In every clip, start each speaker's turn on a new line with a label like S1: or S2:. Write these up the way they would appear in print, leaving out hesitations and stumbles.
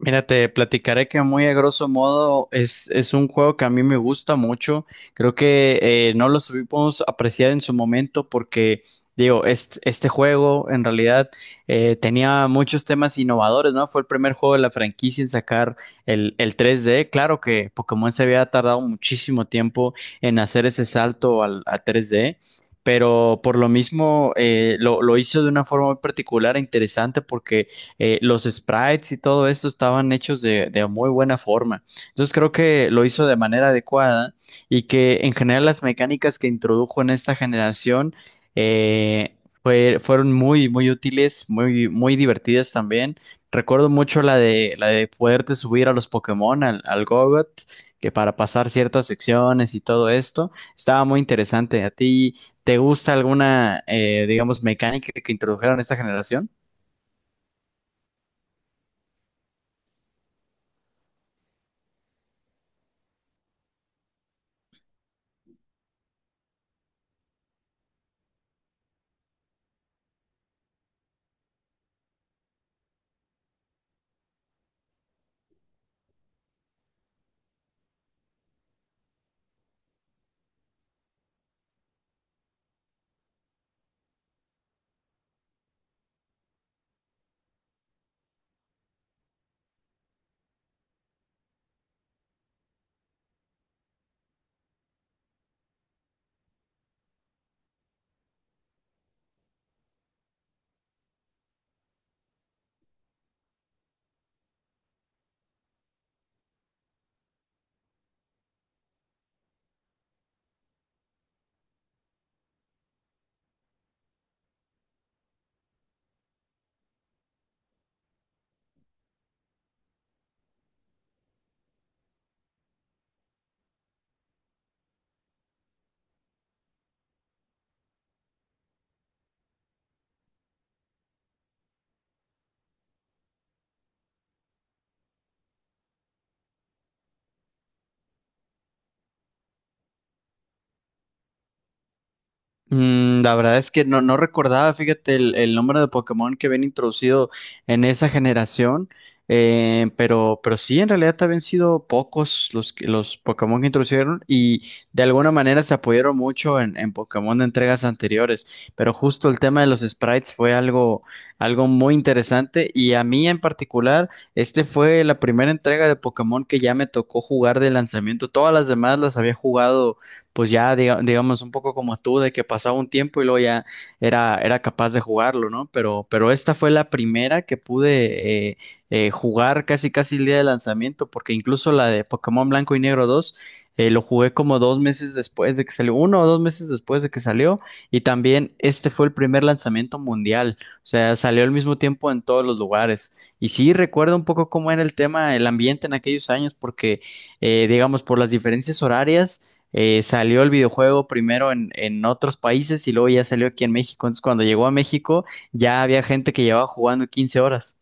S1: Mira, te platicaré que muy a grosso modo es un juego que a mí me gusta mucho. Creo que no lo supimos apreciar en su momento porque, digo, este juego en realidad tenía muchos temas innovadores, ¿no? Fue el primer juego de la franquicia en sacar el 3D. Claro que Pokémon se había tardado muchísimo tiempo en hacer ese salto a 3D. Pero por lo mismo lo hizo de una forma muy particular e interesante porque los sprites y todo esto estaban hechos de muy buena forma. Entonces creo que lo hizo de manera adecuada y que en general las mecánicas que introdujo en esta generación eh, fueron muy, muy útiles, muy, muy divertidas también. Recuerdo mucho la de poderte subir a los Pokémon, al Gogot, que para pasar ciertas secciones y todo esto, estaba muy interesante. ¿A ti te gusta alguna, digamos, mecánica que introdujeron en esta generación? La verdad es que no recordaba, fíjate, el número de Pokémon que habían introducido en esa generación, pero sí, en realidad habían sido pocos los, los Pokémon que introdujeron y de alguna manera se apoyaron mucho en Pokémon de entregas anteriores, pero justo el tema de los sprites fue algo muy interesante y a mí en particular, este fue la primera entrega de Pokémon que ya me tocó jugar de lanzamiento, todas las demás las había jugado pues ya digamos un poco como tú, de que pasaba un tiempo y luego ya era capaz de jugarlo, ¿no? Pero esta fue la primera que pude jugar casi casi el día de lanzamiento, porque incluso la de Pokémon Blanco y Negro 2 lo jugué como 2 meses después de que salió, 1 o 2 meses después de que salió, y también este fue el primer lanzamiento mundial, o sea, salió al mismo tiempo en todos los lugares. Y sí, recuerdo un poco cómo era el tema, el ambiente en aquellos años, porque, digamos, por las diferencias horarias, salió el videojuego primero en otros países y luego ya salió aquí en México. Entonces, cuando llegó a México, ya había gente que llevaba jugando 15 horas.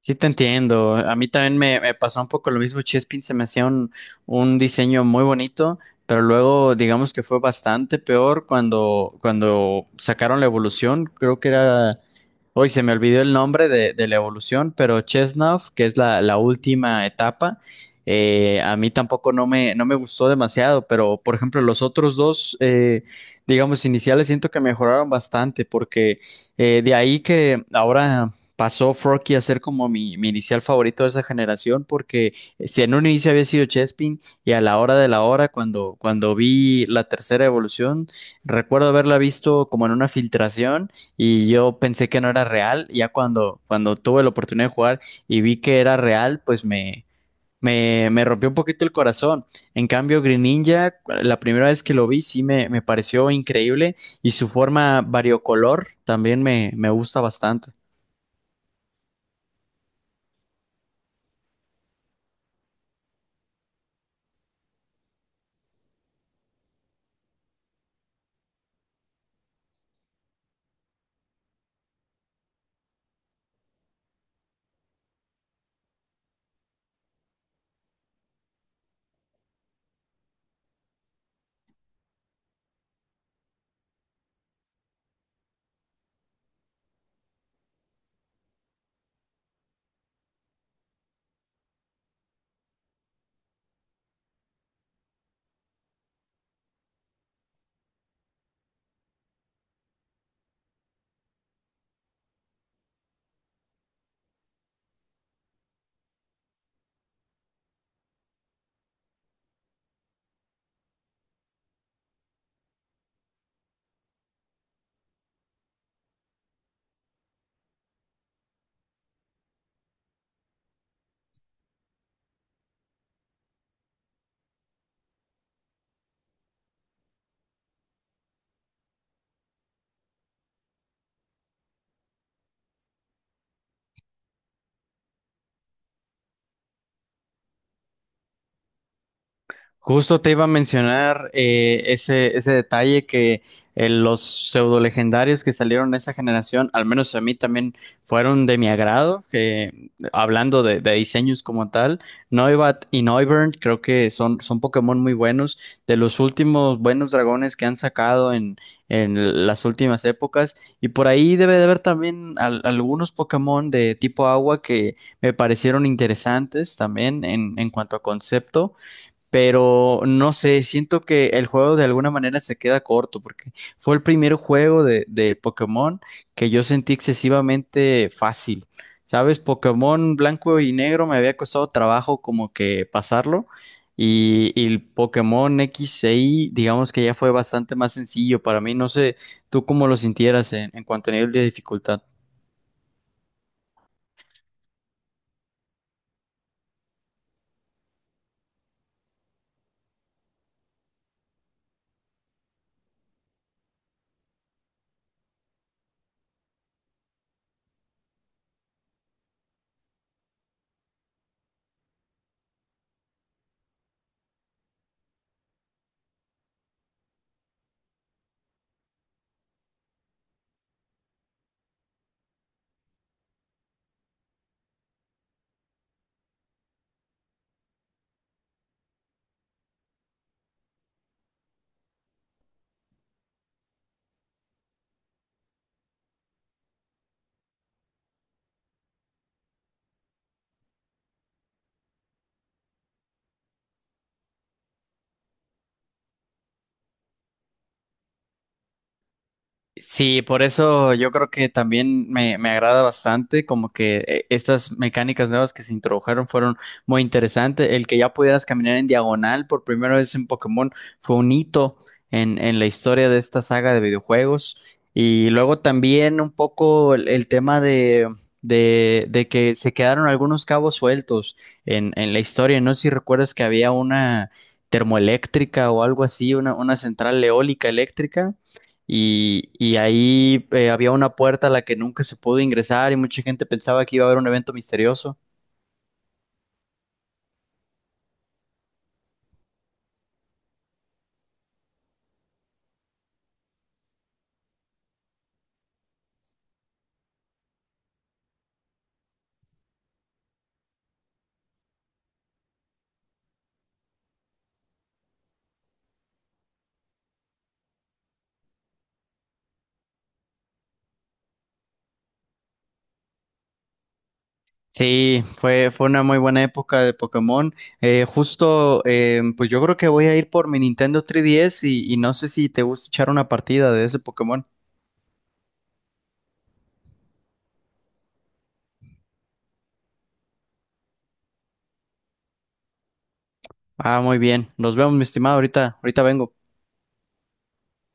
S1: Sí, te entiendo. A mí también me pasó un poco lo mismo. Chespin se me hacía un diseño muy bonito, pero luego digamos que fue bastante peor cuando sacaron la evolución. Creo que era. Hoy se me olvidó el nombre de la evolución, pero Chesnov, que es la última etapa, a mí tampoco no me gustó demasiado, pero por ejemplo los otros dos, digamos, iniciales siento que mejoraron bastante, porque de ahí que ahora pasó Forky a ser como mi inicial favorito de esa generación, porque si en un inicio había sido Chespin y a la hora de la hora, cuando vi la tercera evolución, recuerdo haberla visto como en una filtración y yo pensé que no era real, ya cuando tuve la oportunidad de jugar y vi que era real, pues me. Me rompió un poquito el corazón. En cambio, Green Ninja, la primera vez que lo vi, sí me pareció increíble y su forma variocolor también me gusta bastante. Justo te iba a mencionar ese detalle que los pseudo legendarios que salieron de esa generación, al menos a mí también fueron de mi agrado, que hablando de diseños como tal, Noibat y Noivern creo que son Pokémon muy buenos, de los últimos buenos dragones que han sacado en las últimas épocas, y por ahí debe de haber también algunos Pokémon de tipo agua que me parecieron interesantes también en cuanto a concepto, pero no sé, siento que el juego de alguna manera se queda corto porque fue el primer juego de Pokémon que yo sentí excesivamente fácil. ¿Sabes? Pokémon Blanco y Negro me había costado trabajo como que pasarlo y el Pokémon X e Y digamos que ya fue bastante más sencillo para mí. No sé, tú cómo lo sintieras en cuanto a nivel de dificultad. Sí, por eso yo creo que también me agrada bastante, como que estas mecánicas nuevas que se introdujeron fueron muy interesantes. El que ya pudieras caminar en diagonal por primera vez en Pokémon fue un hito en la historia de esta saga de videojuegos. Y luego también un poco el tema de que se quedaron algunos cabos sueltos en la historia. No sé si recuerdas que había una termoeléctrica o algo así, una central eólica eléctrica y ahí había una puerta a la que nunca se pudo ingresar y mucha gente pensaba que iba a haber un evento misterioso. Sí, fue una muy buena época de Pokémon. Justo, pues yo creo que voy a ir por mi Nintendo 3DS y no sé si te gusta echar una partida de ese Pokémon. Ah, muy bien. Nos vemos, mi estimado. Ahorita, ahorita vengo.